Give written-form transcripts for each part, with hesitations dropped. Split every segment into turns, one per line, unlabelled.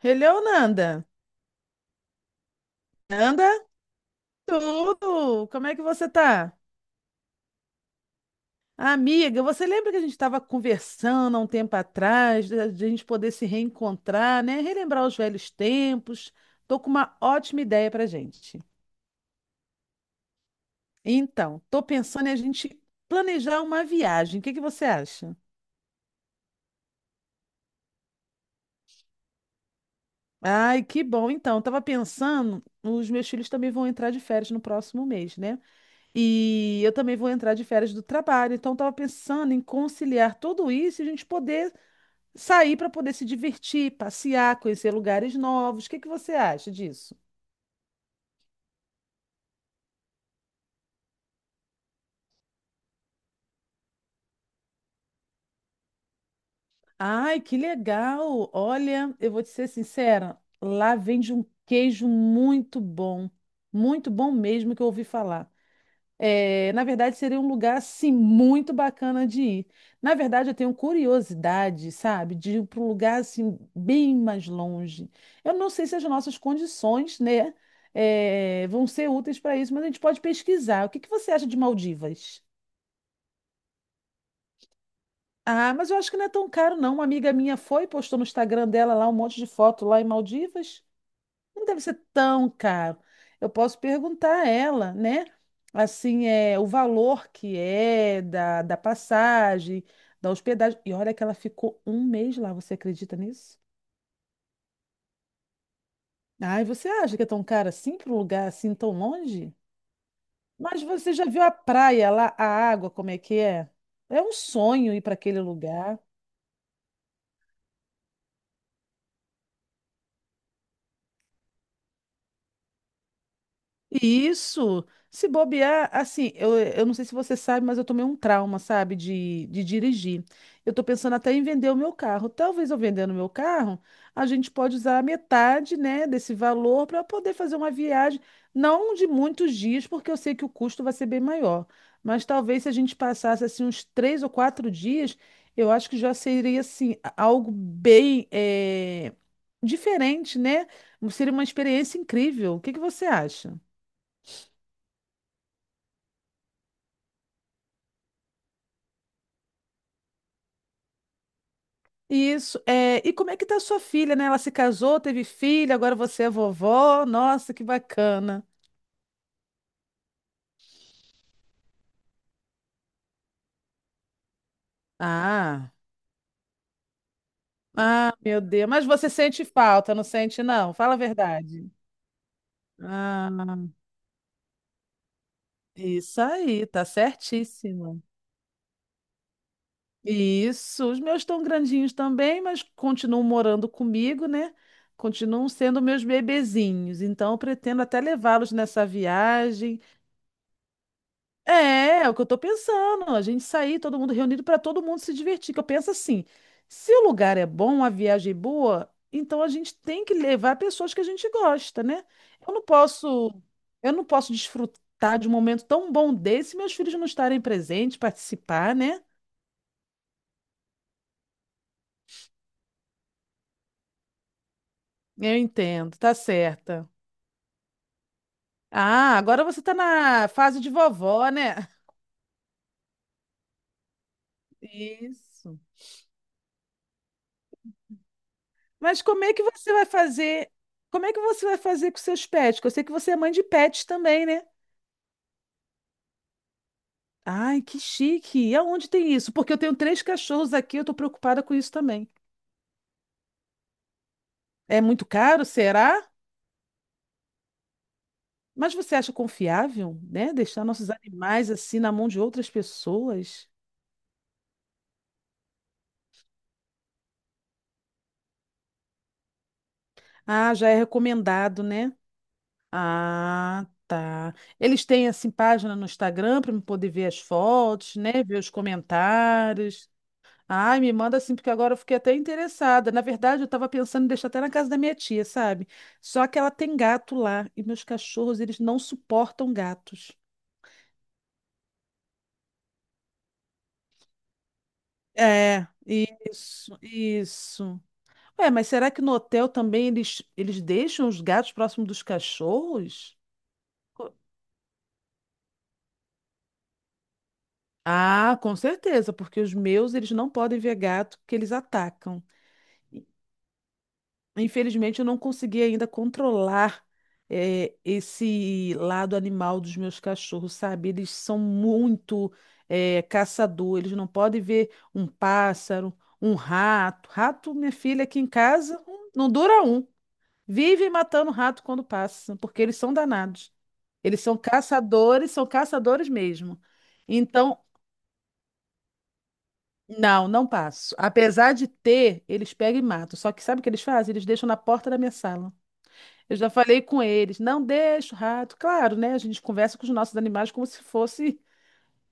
Hello, Nanda. Nanda, tudo? Como é que você tá? Amiga, você lembra que a gente estava conversando há um tempo atrás, da de a gente poder se reencontrar, né? Relembrar os velhos tempos. Tô com uma ótima ideia pra gente. Então, tô pensando em a gente planejar uma viagem. O que que você acha? Ai, que bom. Então, eu tava pensando, os meus filhos também vão entrar de férias no próximo mês, né? E eu também vou entrar de férias do trabalho, então estava pensando em conciliar tudo isso e a gente poder sair para poder se divertir, passear, conhecer lugares novos. O que que você acha disso? Ai, que legal! Olha, eu vou te ser sincera, lá vende um queijo muito bom mesmo que eu ouvi falar. É, na verdade, seria um lugar assim muito bacana de ir. Na verdade, eu tenho curiosidade, sabe, de ir para um lugar assim bem mais longe. Eu não sei se as nossas condições, né, vão ser úteis para isso, mas a gente pode pesquisar. O que que você acha de Maldivas? Ah, mas eu acho que não é tão caro, não. Uma amiga minha foi, postou no Instagram dela lá um monte de foto lá em Maldivas. Não deve ser tão caro. Eu posso perguntar a ela, né? Assim, é o valor que é da passagem, da hospedagem. E olha que ela ficou um mês lá, você acredita nisso? Ai, você acha que é tão caro assim para um lugar assim tão longe? Mas você já viu a praia lá, a água, como é que é? É um sonho ir para aquele lugar. Isso, se bobear, assim, eu não sei se você sabe, mas eu tomei um trauma, sabe, de dirigir. Eu tô pensando até em vender o meu carro. Talvez eu vendendo o meu carro, a gente pode usar a metade, né, desse valor para poder fazer uma viagem, não de muitos dias, porque eu sei que o custo vai ser bem maior. Mas talvez se a gente passasse, assim, uns 3 ou 4 dias, eu acho que já seria, assim, algo bem, diferente, né? Seria uma experiência incrível. O que que você acha? Isso. É, e como é que tá sua filha, né? Ela se casou, teve filho, agora você é vovó. Nossa, que bacana. Ah, ah, meu Deus. Mas você sente falta, não sente, não? Fala a verdade. Ah, isso aí, tá certíssimo. Isso. Os meus estão grandinhos também, mas continuam morando comigo, né? Continuam sendo meus bebezinhos. Então, eu pretendo até levá-los nessa viagem. É, é o que eu tô pensando. A gente sair, todo mundo reunido para todo mundo se divertir. Que eu penso assim, se o lugar é bom, a viagem é boa, então a gente tem que levar pessoas que a gente gosta, né? Eu não posso, eu não posso desfrutar de um momento tão bom desse se meus filhos não estarem presentes, participar, né? Eu entendo, tá certa. Ah, agora você tá na fase de vovó, né? Isso. Mas como é que você vai fazer? Como é que você vai fazer com seus pets? Porque eu sei que você é mãe de pets também, né? Ai, que chique! E aonde tem isso? Porque eu tenho 3 cachorros aqui, eu tô preocupada com isso também. É muito caro, será? Mas você acha confiável, né? Deixar nossos animais assim na mão de outras pessoas? Ah, já é recomendado, né? Ah, tá. Eles têm assim página no Instagram para eu poder ver as fotos, né? Ver os comentários. Ai, me manda assim, porque agora eu fiquei até interessada. Na verdade, eu estava pensando em deixar até na casa da minha tia, sabe? Só que ela tem gato lá e meus cachorros, eles não suportam gatos. É, isso, isso. Ué, mas será que no hotel também eles deixam os gatos próximo dos cachorros? Co- Ah, com certeza, porque os meus, eles não podem ver gato que eles atacam. Infelizmente, eu não consegui ainda controlar esse lado animal dos meus cachorros, sabe? Eles são muito caçador, eles não podem ver um pássaro, um rato. Rato, minha filha, aqui em casa, não dura um. Vivem matando rato quando passa, porque eles são danados. Eles são caçadores mesmo. Então, não, não passo. Apesar de ter, eles pegam e matam. Só que sabe o que eles fazem? Eles deixam na porta da minha sala. Eu já falei com eles, não deixa o rato. Claro, né? A gente conversa com os nossos animais como se fosse,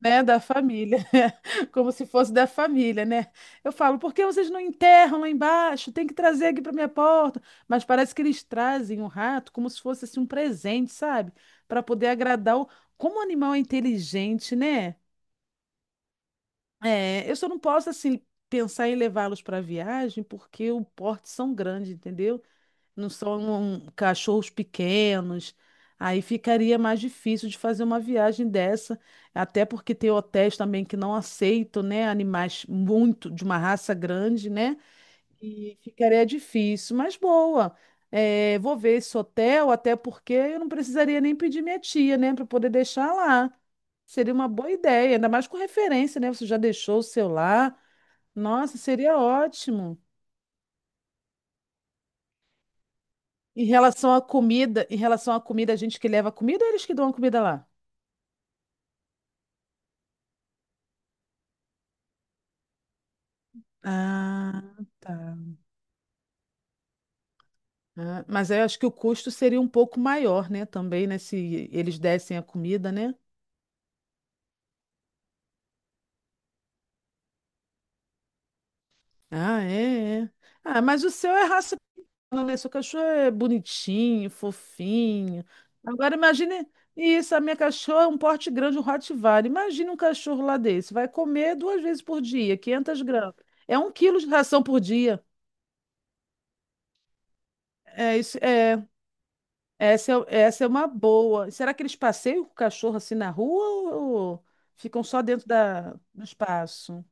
né, da família, como se fosse da família, né? Eu falo, por que vocês não enterram lá embaixo? Tem que trazer aqui para minha porta. Mas parece que eles trazem o rato como se fosse assim um presente, sabe? Para poder agradar o... Como o animal é inteligente, né? É, eu só não posso assim pensar em levá-los para viagem porque o porte são grandes, entendeu? Não são um, cachorros pequenos. Aí ficaria mais difícil de fazer uma viagem dessa, até porque tem hotéis também que não aceitam, né, animais muito de uma raça grande, né? E ficaria difícil, mas boa. É, vou ver esse hotel, até porque eu não precisaria nem pedir minha tia, né, para poder deixar lá. Seria uma boa ideia, ainda mais com referência, né? Você já deixou o seu lá. Nossa, seria ótimo. Em relação à comida, em relação à comida, a gente que leva a comida ou eles que dão a comida lá? Ah, tá. Ah, mas eu acho que o custo seria um pouco maior, né? Também, né? Se eles dessem a comida, né? Ah, é, é. Ah, mas o seu é raça, não, né? Seu cachorro é bonitinho, fofinho. Agora imagine isso, a minha cachorra é um porte grande, um Rottweiler. Imagina um cachorro lá desse. Vai comer duas vezes por dia, 500 gramas. É 1 quilo de ração por dia. É isso, é. Essa é uma boa. Será que eles passeiam com o cachorro assim na rua ou ficam só dentro do espaço?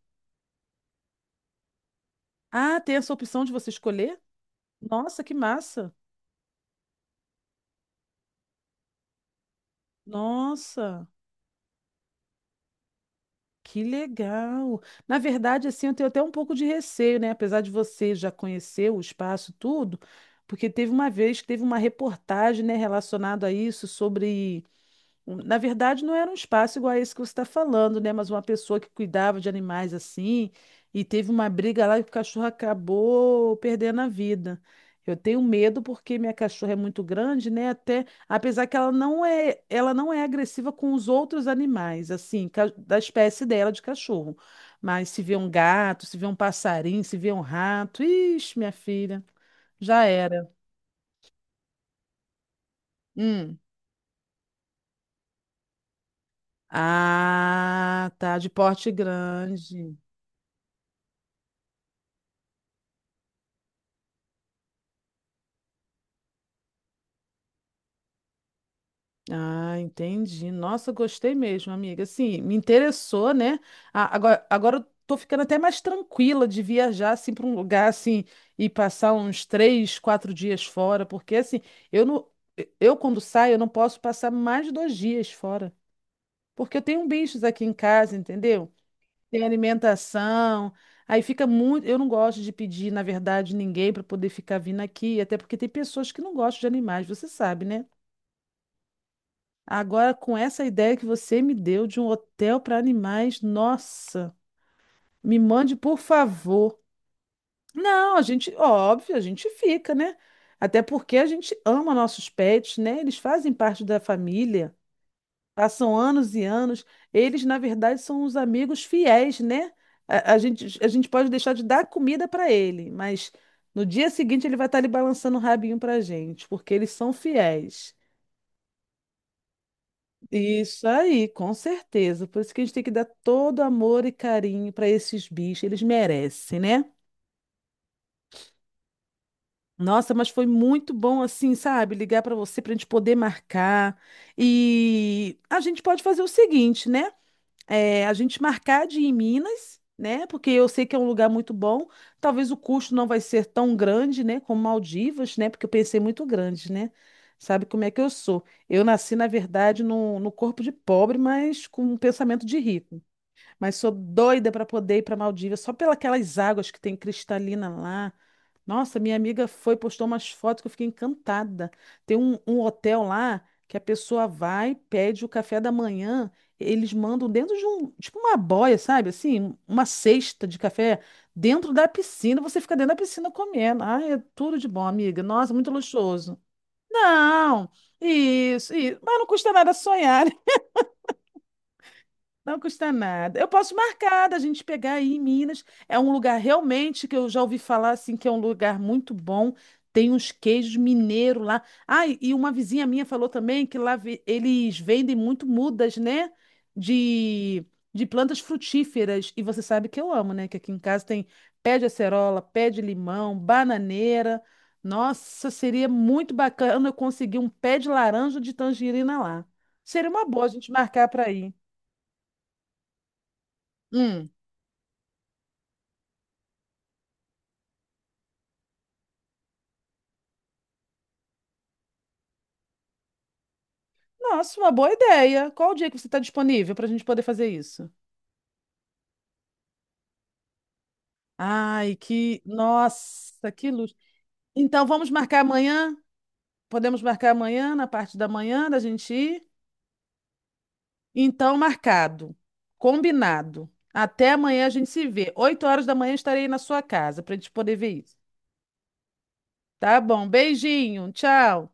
Ah, tem essa opção de você escolher? Nossa, que massa! Nossa, que legal! Na verdade, assim, eu tenho até um pouco de receio, né? Apesar de você já conhecer o espaço, tudo, porque teve uma vez que teve uma reportagem, né, relacionada a isso, sobre Na verdade, não era um espaço igual a esse que você está falando, né? Mas uma pessoa que cuidava de animais assim, e teve uma briga lá e o cachorro acabou perdendo a vida. Eu tenho medo porque minha cachorra é muito grande, né? Até, apesar que ela não é agressiva com os outros animais, assim, da espécie dela de cachorro. Mas se vê um gato, se vê um passarinho, se vê um rato, ixi, minha filha, já era. Hum. Ah, tá, de porte grande. Ah, entendi. Nossa, gostei mesmo, amiga. Assim, me interessou, né? Agora eu tô ficando até mais tranquila de viajar assim para um lugar assim e passar uns 3, 4 dias fora, porque assim, eu não, eu quando saio eu não posso passar mais de 2 dias fora, porque eu tenho bichos aqui em casa, entendeu? Tem alimentação, aí fica muito. Eu não gosto de pedir, na verdade, ninguém para poder ficar vindo aqui, até porque tem pessoas que não gostam de animais, você sabe, né? Agora, com essa ideia que você me deu de um hotel para animais, nossa, me mande, por favor. Não, a gente, óbvio, a gente fica, né? Até porque a gente ama nossos pets, né? Eles fazem parte da família, passam anos e anos. Eles, na verdade, são os amigos fiéis, né? A gente pode deixar de dar comida para ele, mas no dia seguinte ele vai estar ali balançando o rabinho para gente, porque eles são fiéis. Isso aí, com certeza. Por isso que a gente tem que dar todo amor e carinho para esses bichos, eles merecem, né? Nossa, mas foi muito bom assim, sabe? Ligar para você para a gente poder marcar. E a gente pode fazer o seguinte, né? É, a gente marcar de ir em Minas, né? Porque eu sei que é um lugar muito bom. Talvez o custo não vai ser tão grande, né? Como Maldivas, né? Porque eu pensei muito grande, né? Sabe como é que eu sou? Eu nasci, na verdade, no corpo de pobre, mas com um pensamento de rico. Mas sou doida para poder ir para Maldivas, só pelas águas que tem cristalina lá. Nossa, minha amiga foi, postou umas fotos que eu fiquei encantada. Tem um hotel lá que a pessoa vai, pede o café da manhã, eles mandam dentro de um, tipo uma boia, sabe? Assim, uma cesta de café dentro da piscina, você fica dentro da piscina comendo. Ai, é tudo de bom, amiga. Nossa, muito luxuoso. Não, isso, isso. Mas não custa nada sonhar. Não custa nada. Eu posso marcar da gente pegar aí em Minas. É um lugar realmente que eu já ouvi falar assim que é um lugar muito bom. Tem uns queijos mineiros lá. Ah, e uma vizinha minha falou também que lá eles vendem muito mudas, né? De, de plantas frutíferas. E você sabe que eu amo, né? Que aqui em casa tem pé de acerola, pé de limão, bananeira. Nossa, seria muito bacana eu conseguir um pé de laranja de tangerina lá. Seria uma boa a gente marcar para ir. Hum. Nossa, uma boa ideia. Qual o dia que você está disponível para a gente poder fazer isso? Ai, que. Nossa, que luz. Então, vamos marcar amanhã? Podemos marcar amanhã, na parte da manhã, da gente ir? Então, marcado. Combinado. Até amanhã a gente se vê. 8 horas da manhã estarei na sua casa para a gente poder ver isso. Tá bom. Beijinho. Tchau.